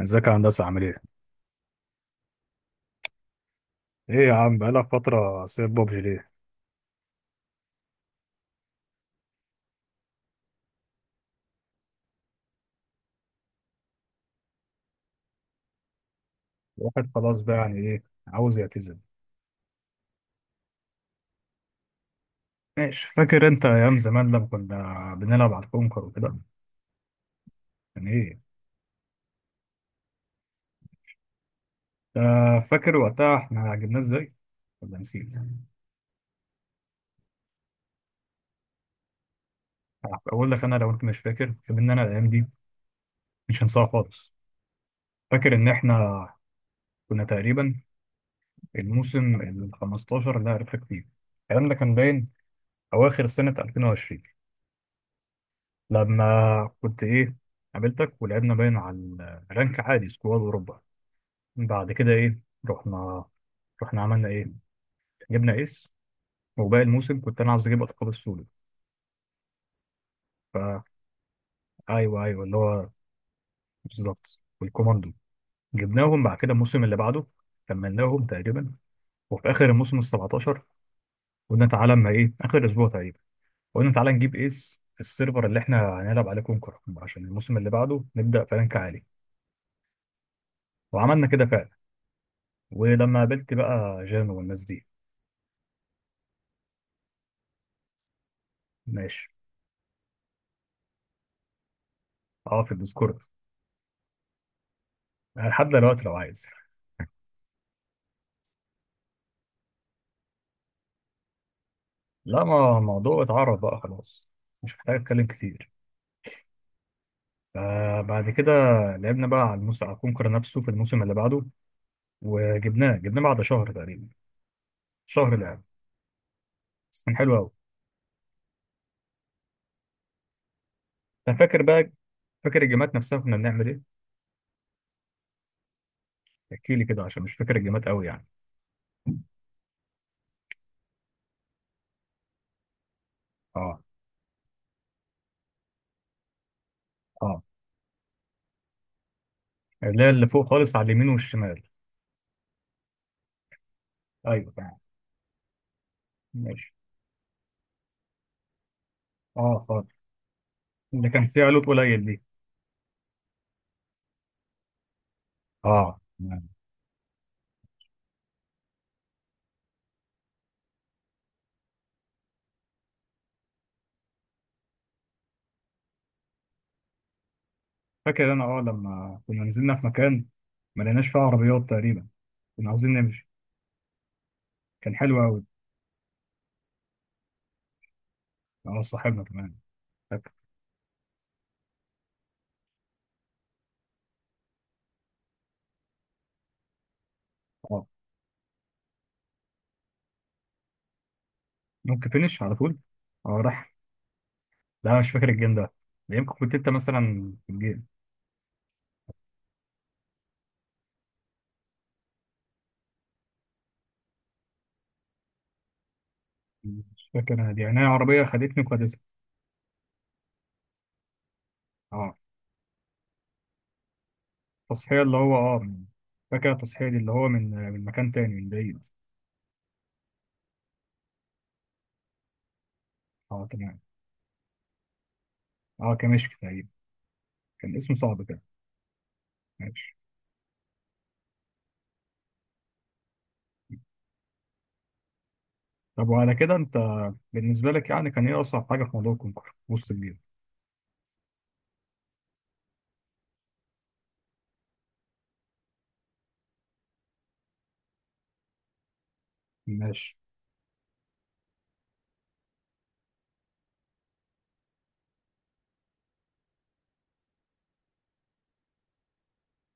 ازيك يا هندسة عامل ايه؟ ايه يا عم بقالك فترة سايب بابجي ليه؟ الواحد خلاص بقى يعني ايه، عاوز يعتزل؟ ماشي. فاكر انت ايام زمان لما كنا بنلعب على الكونكر وكده؟ يعني ايه؟ آه، فاكر وقتها احنا جبناه ازاي؟ ولا نسيت؟ اقول لك انا، لو انت مش فاكر، ان انا الايام دي مش هنساها خالص. فاكر ان احنا كنا تقريبا الموسم ال 15 اللي أنا عرفتك فيه. الكلام ده كان باين اواخر سنة 2020. لما كنت ايه، قابلتك ولعبنا باين على الرانك عادي سكواد اوروبا. بعد كده ايه، رحنا رحنا عملنا ايه، جبنا ايس. وباقي الموسم كنت انا عاوز اجيب القاب السولو. فا ايوه ايوه، اللي هو بالظبط والكوماندو. جبناهم بعد كده الموسم اللي بعده، كملناهم تقريبا. وفي اخر الموسم ال 17 قلنا تعالى اما ايه، اخر اسبوع تقريبا، قلنا تعالى نجيب ايس السيرفر اللي احنا هنلعب عليه كونكر، عشان الموسم اللي بعده نبدا في رانك عالي. وعملنا كده فعلا، ولما قابلت بقى جانو والناس دي. ماشي. اه، في الديسكورد لحد دلوقتي لو عايز. لا، ما الموضوع اتعرف بقى خلاص، مش محتاج اتكلم كتير. فبعد كده لعبنا بقى على الموسم، على كونكر نفسه في الموسم اللي بعده، وجبناه. جبناه بعد شهر تقريبا، شهر لعب بس، كان حلو قوي. انت فاكر بقى؟ فاكر الجيمات نفسها كنا بنعمل ايه؟ احكي لي كده عشان مش فاكر الجيمات قوي يعني. اه اه، اللي هي اللي فوق خالص على اليمين والشمال. ايوه تمام. ماشي، اه خالص. اللي كان فيها لوت قليل دي. اه فاكر انا، اه لما كنا نزلنا في مكان ما لقيناش فيه عربيات تقريبا، كنا عاوزين نمشي، كان حلو قوي. اه صاحبنا كمان. فاكر. اه ممكن فينش على طول. اه راح. لا مش فاكر الجيم ده، ده يمكن كنت انت مثلا في الجيم. مش فاكر انا دي، يعني انا عربيه خدتني وخدتها. اه، التصحيح اللي هو اه فاكر التصحيح دي اللي هو من مكان تاني من بعيد. اه تمام. اه كمشك تقريبا، كان اسمه صعب كده. ماشي. طب وعلى كده انت بالنسبه لك يعني كان ايه اصعب حاجه في موضوع الكونكور وسط الجيم؟ ماشي.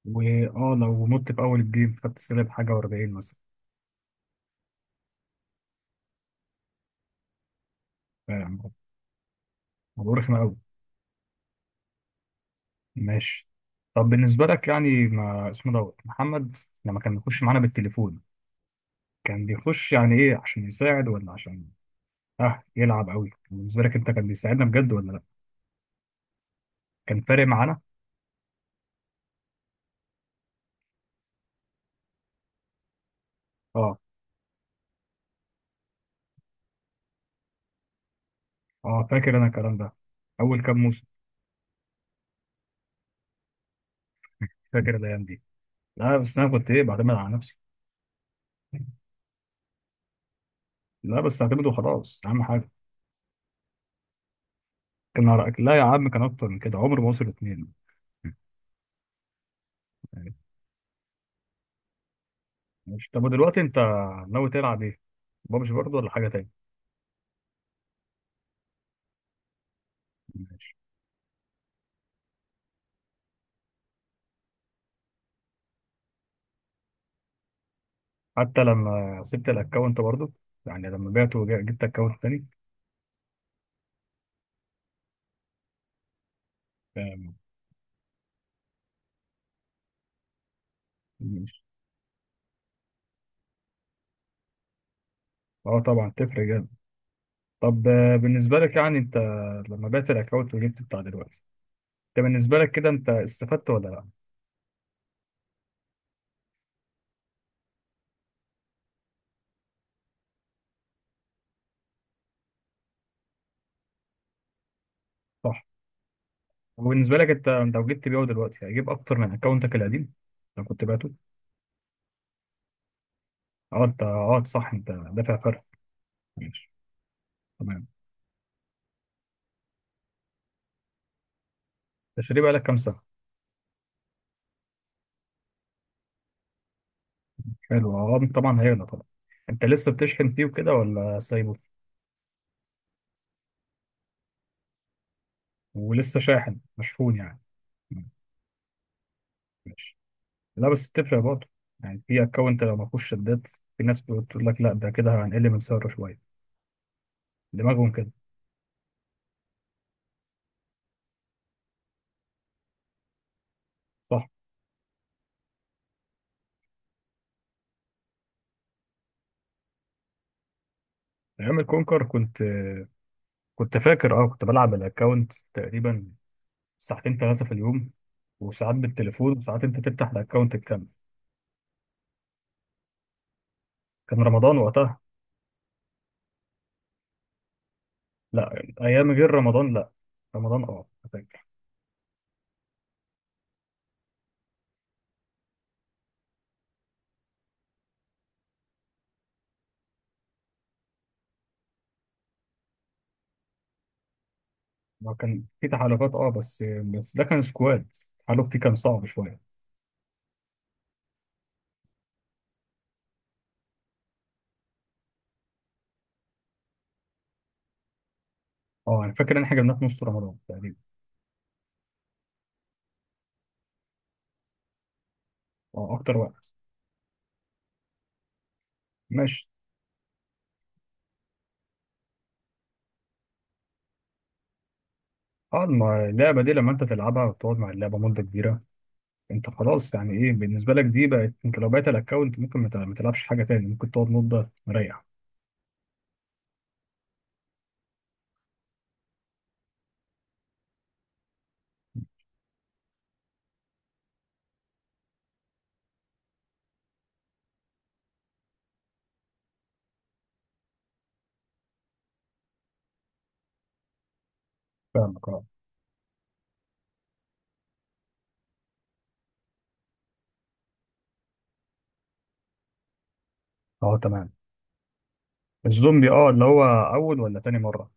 واه لو مت في اول الجيم خدت سالب حاجه و40 مثلا. فاهم. الموضوع رخم قوي. ماشي. طب بالنسبه لك يعني ما اسمه دوت محمد لما كان بيخش معانا بالتليفون، كان بيخش يعني ايه، عشان يساعد ولا عشان اه يلعب قوي؟ بالنسبه لك انت كان بيساعدنا بجد ولا لا؟ كان فارق معانا؟ اه. اه، فاكر انا الكلام ده اول كام موسم. فاكر الايام دي. لا بس انا كنت ايه، بعتمد على نفسي. لا بس اعتمد وخلاص اهم حاجه. كان لا يا عم، كان اكتر من كده عمر ما وصل 2. ماشي. طب ودلوقتي انت ناوي تلعب ايه؟ بابجي برضه ولا حاجه تاني؟ ماشي. حتى لما سبت الاكونت برضه، يعني لما بعته وجبت اكونت تاني. آم، ماشي. اه طبعا تفرق جامد. طب بالنسبه لك يعني انت لما بعت الاكونت وجبت بتاع دلوقتي، انت بالنسبه لك كده، انت استفدت ولا لا؟ صح. وبالنسبه لك، انت لو جبت بيعه دلوقتي هيجيب اكتر من اكونتك القديم لو كنت بعته. اه، انت اه صح، انت دافع فرق. ماشي تمام. تشتريه بقالك كام سنه؟ حلو، اه طبعا هيغلى طبعا. انت لسه بتشحن فيه وكده ولا سايبه؟ ولسه شاحن مشحون يعني؟ مم، ماشي. لا بس بتفرق برضه، يعني في اكونت لو ما فيهوش شدات، في ناس بتقول لك لا ده كده هنقل من سعره شويه، دماغهم كده. صح. ايام الكونكر كنت فاكر، اه كنت بلعب الاكونت تقريبا ساعتين 3 في اليوم، وساعات بالتليفون، وساعات انت تفتح الاكونت الكامل. كان رمضان وقتها. لا ايام غير رمضان لا، رمضان اه. هو كان في تحالفات اه، بس ده كان سكواد، التحالف فيه كان صعب شويه. اه انا فاكر ان احنا جبناه في نص رمضان تقريبا. اه اكتر وقت. ماشي. اه، ما اللعبه دي لما انت تلعبها وتقعد مع اللعبه مده كبيره، انت خلاص يعني ايه بالنسبه لك دي بقت، انت لو بعت الاكونت ممكن ما تلعبش حاجه تاني، ممكن تقعد مده مريح. فاهمك اه. اه تمام. الزومبي اه، اللي هو اول ولا تاني مره؟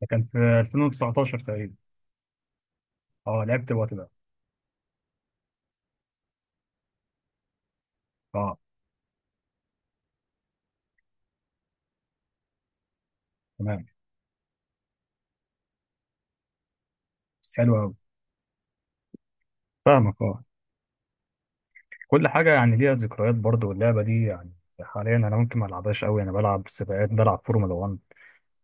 ده كان في 2019 تقريبا. اه لعبت الوقت ده. اه تمام. بس حلو قوي. فاهمك اه. كل حاجة يعني ليها ذكريات برضه، واللعبة دي يعني حاليا أنا ممكن ما ألعبهاش أوي، أنا بلعب سباقات، بلعب فورمولا 1.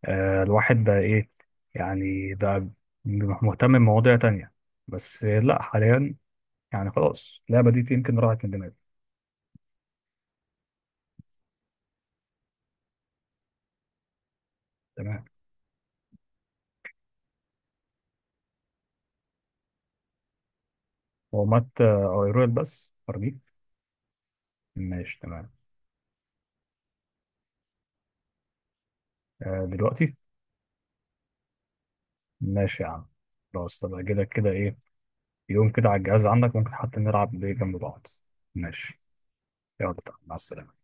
آه الواحد بقى إيه، يعني بقى مهتم بمواضيع تانية. بس لأ حاليا يعني خلاص اللعبة دي يمكن راحت من دماغي. تمام. هو مات أويرويل بس أرميه. ماشي تمام. آه دلوقتي. ماشي يا عم. خلاص طب أجيلك كده إيه، يوم كده على الجهاز عندك، ممكن حتى نلعب بيه جنب بعض. ماشي. يلا. مع السلامة.